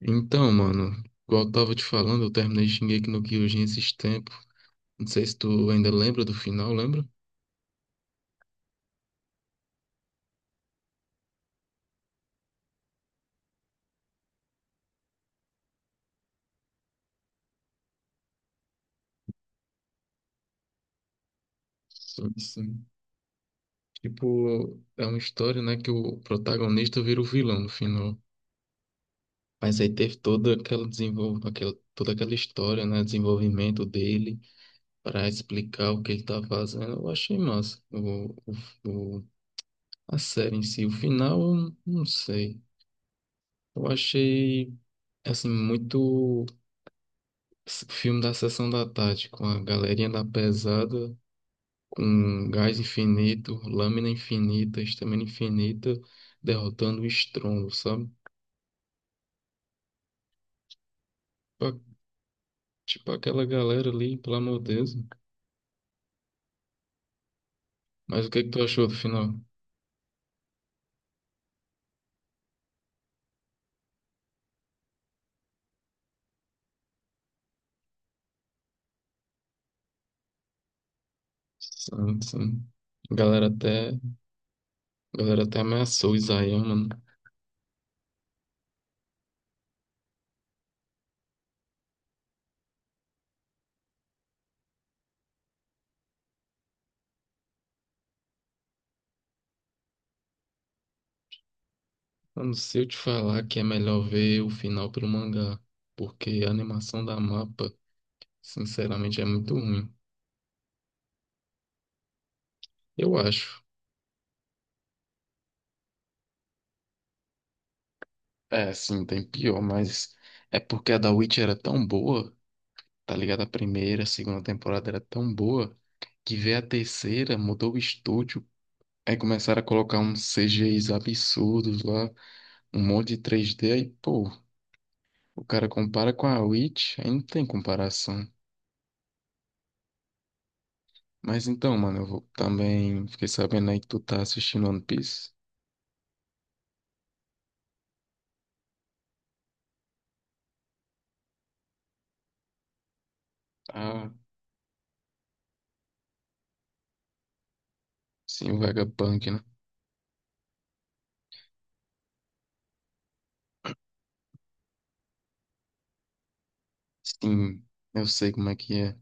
Então, mano, igual eu tava te falando, eu terminei Shingeki no Kyojin esses tempos. Não sei se tu ainda lembra do final, lembra? Sim, sim. Tipo, é uma história, né, que o protagonista vira o vilão no final. Mas aí teve toda aquela história, né, desenvolvimento dele para explicar o que ele tá fazendo. Eu achei massa. O... o- A série em si, o final, eu não sei. Eu achei assim muito Filme da Sessão da Tarde, com a galerinha da pesada, com gás infinito, lâmina infinita, estamina infinita, derrotando o estrondo, sabe? Pa- Tipo aquela galera ali, pelo amor de Deus. Mas o que é que tu achou do final? Sim, sim. A Galera até, a galera até ameaçou o Isayama, né? Mano, se eu te falar que é melhor ver o final pelo mangá, porque a animação da mapa, sinceramente, é muito ruim. Eu acho. É, sim, tem pior, mas é porque a da Witch era tão boa, tá ligado? A primeira, a segunda temporada era tão boa, que veio a terceira, mudou o estúdio, aí começaram a colocar uns CGIs absurdos lá, um monte de 3D, aí, pô, o cara compara com a Witch, aí não tem comparação. Mas então, mano, eu vou também, fiquei sabendo aí que tu tá assistindo One Piece. Ah, sim, o Vegapunk, né? Sim, eu sei como é que é.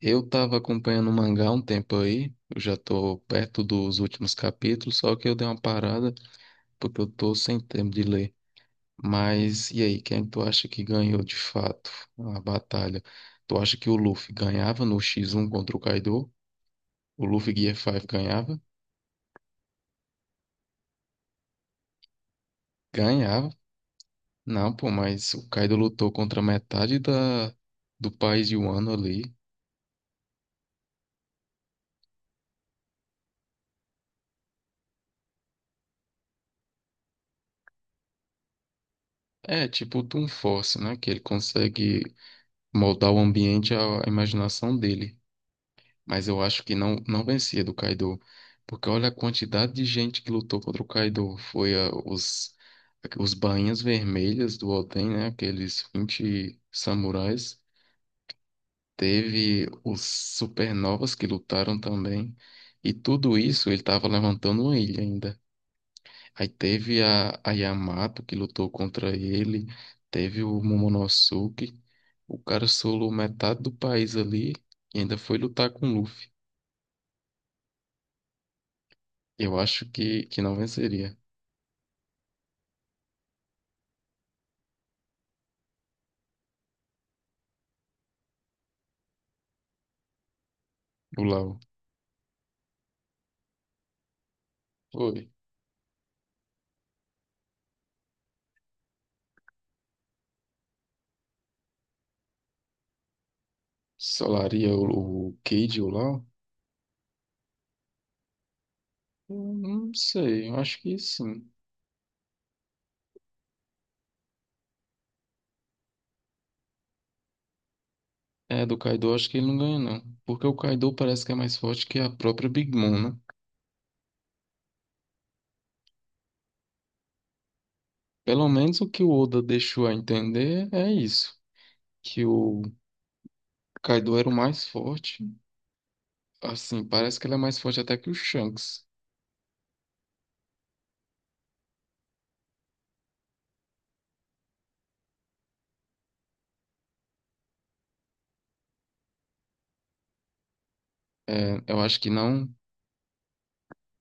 Eu estava acompanhando o mangá há um tempo aí, eu já estou perto dos últimos capítulos, só que eu dei uma parada porque eu estou sem tempo de ler. Mas e aí, quem tu acha que ganhou de fato a batalha? Tu acha que o Luffy ganhava no X1 contra o Kaido? O Luffy Gear 5 ganhava? Ganhava? Não, pô, mas o Kaido lutou contra metade da do país de Wano ali. É, tipo o Toon Force, né? Que ele consegue moldar o ambiente à imaginação dele. Mas eu acho que não, não vencia do Kaido. Porque olha a quantidade de gente que lutou contra o Kaido. Foi os bainhas vermelhas do Oden, né? Aqueles 20 samurais. Teve os supernovas que lutaram também. E tudo isso ele estava levantando uma ilha ainda. Aí teve a Yamato que lutou contra ele. Teve o Momonosuke. O cara solou metade do país ali e ainda foi lutar com o Luffy. Eu acho que não venceria o Lau. Oi, solaria o Cade ou o Lau? Eu não sei, eu acho que sim. É, do Kaido eu acho que ele não ganha, não. Porque o Kaido parece que é mais forte que a própria Big Mom, né? Pelo menos o que o Oda deixou a entender é isso. Que o Kaido era o mais forte. Assim, parece que ele é mais forte até que o Shanks. É, eu acho que não.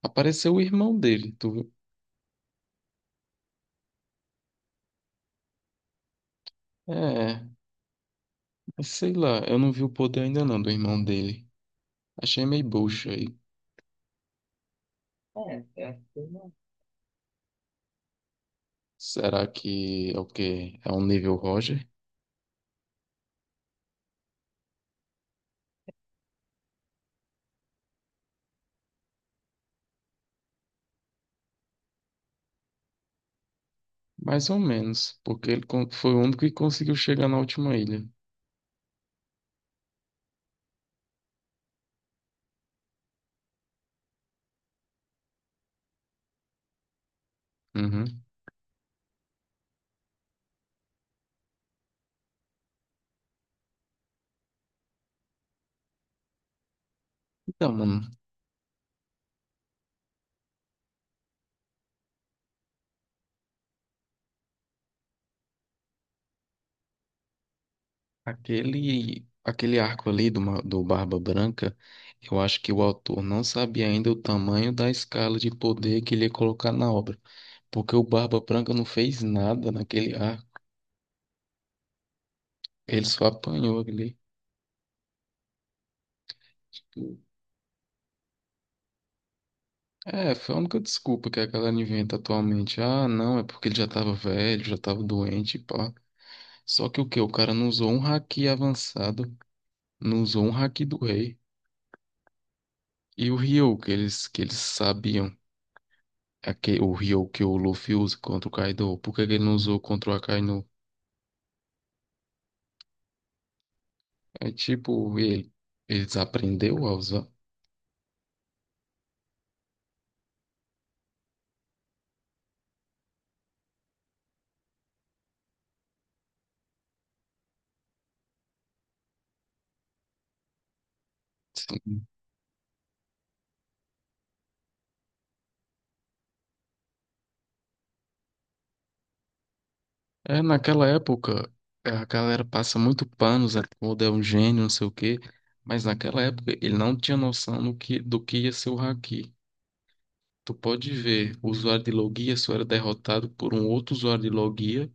Apareceu o irmão dele, tu viu? É, mas sei lá, eu não vi o poder ainda não do irmão dele. Achei meio bucha aí. É, é assim. Será que é o quê? É um nível Roger? Mais ou menos, porque ele foi o único que conseguiu chegar na última ilha. Uhum. Então, mano, aquele arco ali do Barba Branca, eu acho que o autor não sabia ainda o tamanho da escala de poder que ele ia colocar na obra, porque o Barba Branca não fez nada naquele arco, ele só apanhou ali. É, foi a única desculpa que a galera inventa atualmente. Ah, não, é porque ele já tava velho, já tava doente, pá. Só que o quê? O cara não usou um haki avançado, não usou um haki do rei. E o Ryu que eles sabiam, o Ryu que o Luffy usa contra o Kaido, por que que ele não usou contra o Akainu? É tipo, eles aprendeu a usar. É, naquela época, a galera passa muito pano, Zé Ruda é um gênio, não sei o quê, mas naquela época ele não tinha noção do que ia ser o haki. Tu pode ver, o usuário de Logia só era derrotado por um outro usuário de Logia,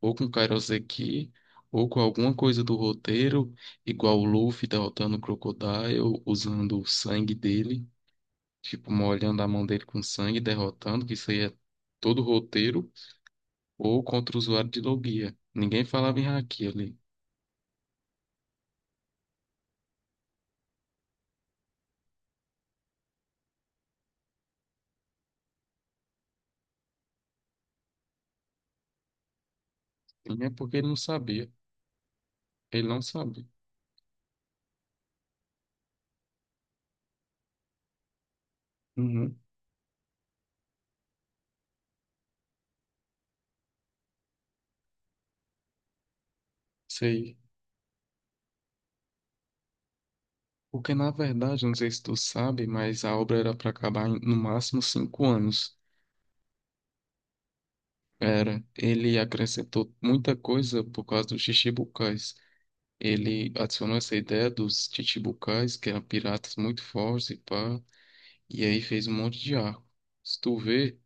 ou com Kairoseki, ou com alguma coisa do roteiro, igual o Luffy derrotando o Crocodile, usando o sangue dele, tipo, molhando a mão dele com sangue, derrotando, que isso aí é todo o roteiro, ou contra o usuário de Logia. Ninguém falava em haki ali. É porque ele não sabia. Ele não sabia. Uhum, sei. Porque, na verdade, não sei se tu sabe, mas a obra era para acabar em, no máximo 5 anos. Era. Ele acrescentou muita coisa por causa dos chichibukais. Ele adicionou essa ideia dos chichibukais, que eram piratas muito fortes e pá. E aí fez um monte de arco. Se tu vê,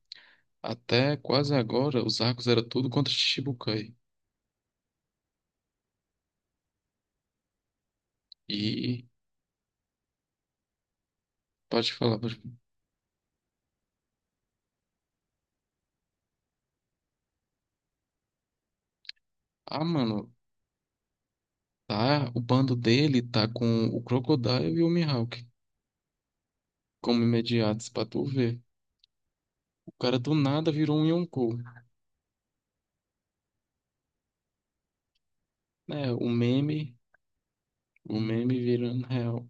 até quase agora, os arcos eram tudo contra chichibukai. E pode falar, pode... Ah, mano, tá, o bando dele tá com o Crocodile e o Mihawk como imediatos pra tu ver. O cara do nada virou um Yonkou, né? O meme virando real.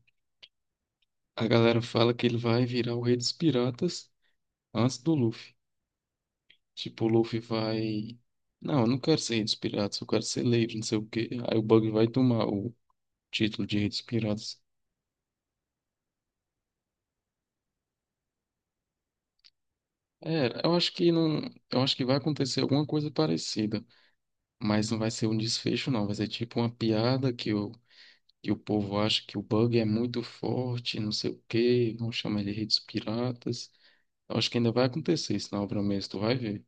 A galera fala que ele vai virar o Rei dos Piratas antes do Luffy. Tipo, o Luffy vai. Não, eu não quero ser Rei dos Piratas, eu quero ser Leiro, não sei o quê. Aí o Bug vai tomar o título de Rei dos Piratas. É, eu acho que não. Eu acho que vai acontecer alguma coisa parecida. Mas não vai ser um desfecho, não. Vai ser tipo uma piada que o povo acha que o bug é muito forte, não sei o quê, vão chamar ele de redes piratas. Eu acho que ainda vai acontecer isso na obra mesmo, tu vai ver.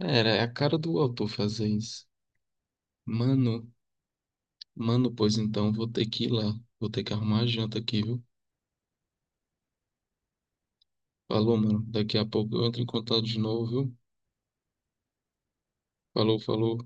Era, é a cara do autor fazer isso. Mano, mano, pois então, vou ter que ir lá. Vou ter que arrumar a janta aqui, viu? Falou, mano. Daqui a pouco eu entro em contato de novo, viu? Falou, falou.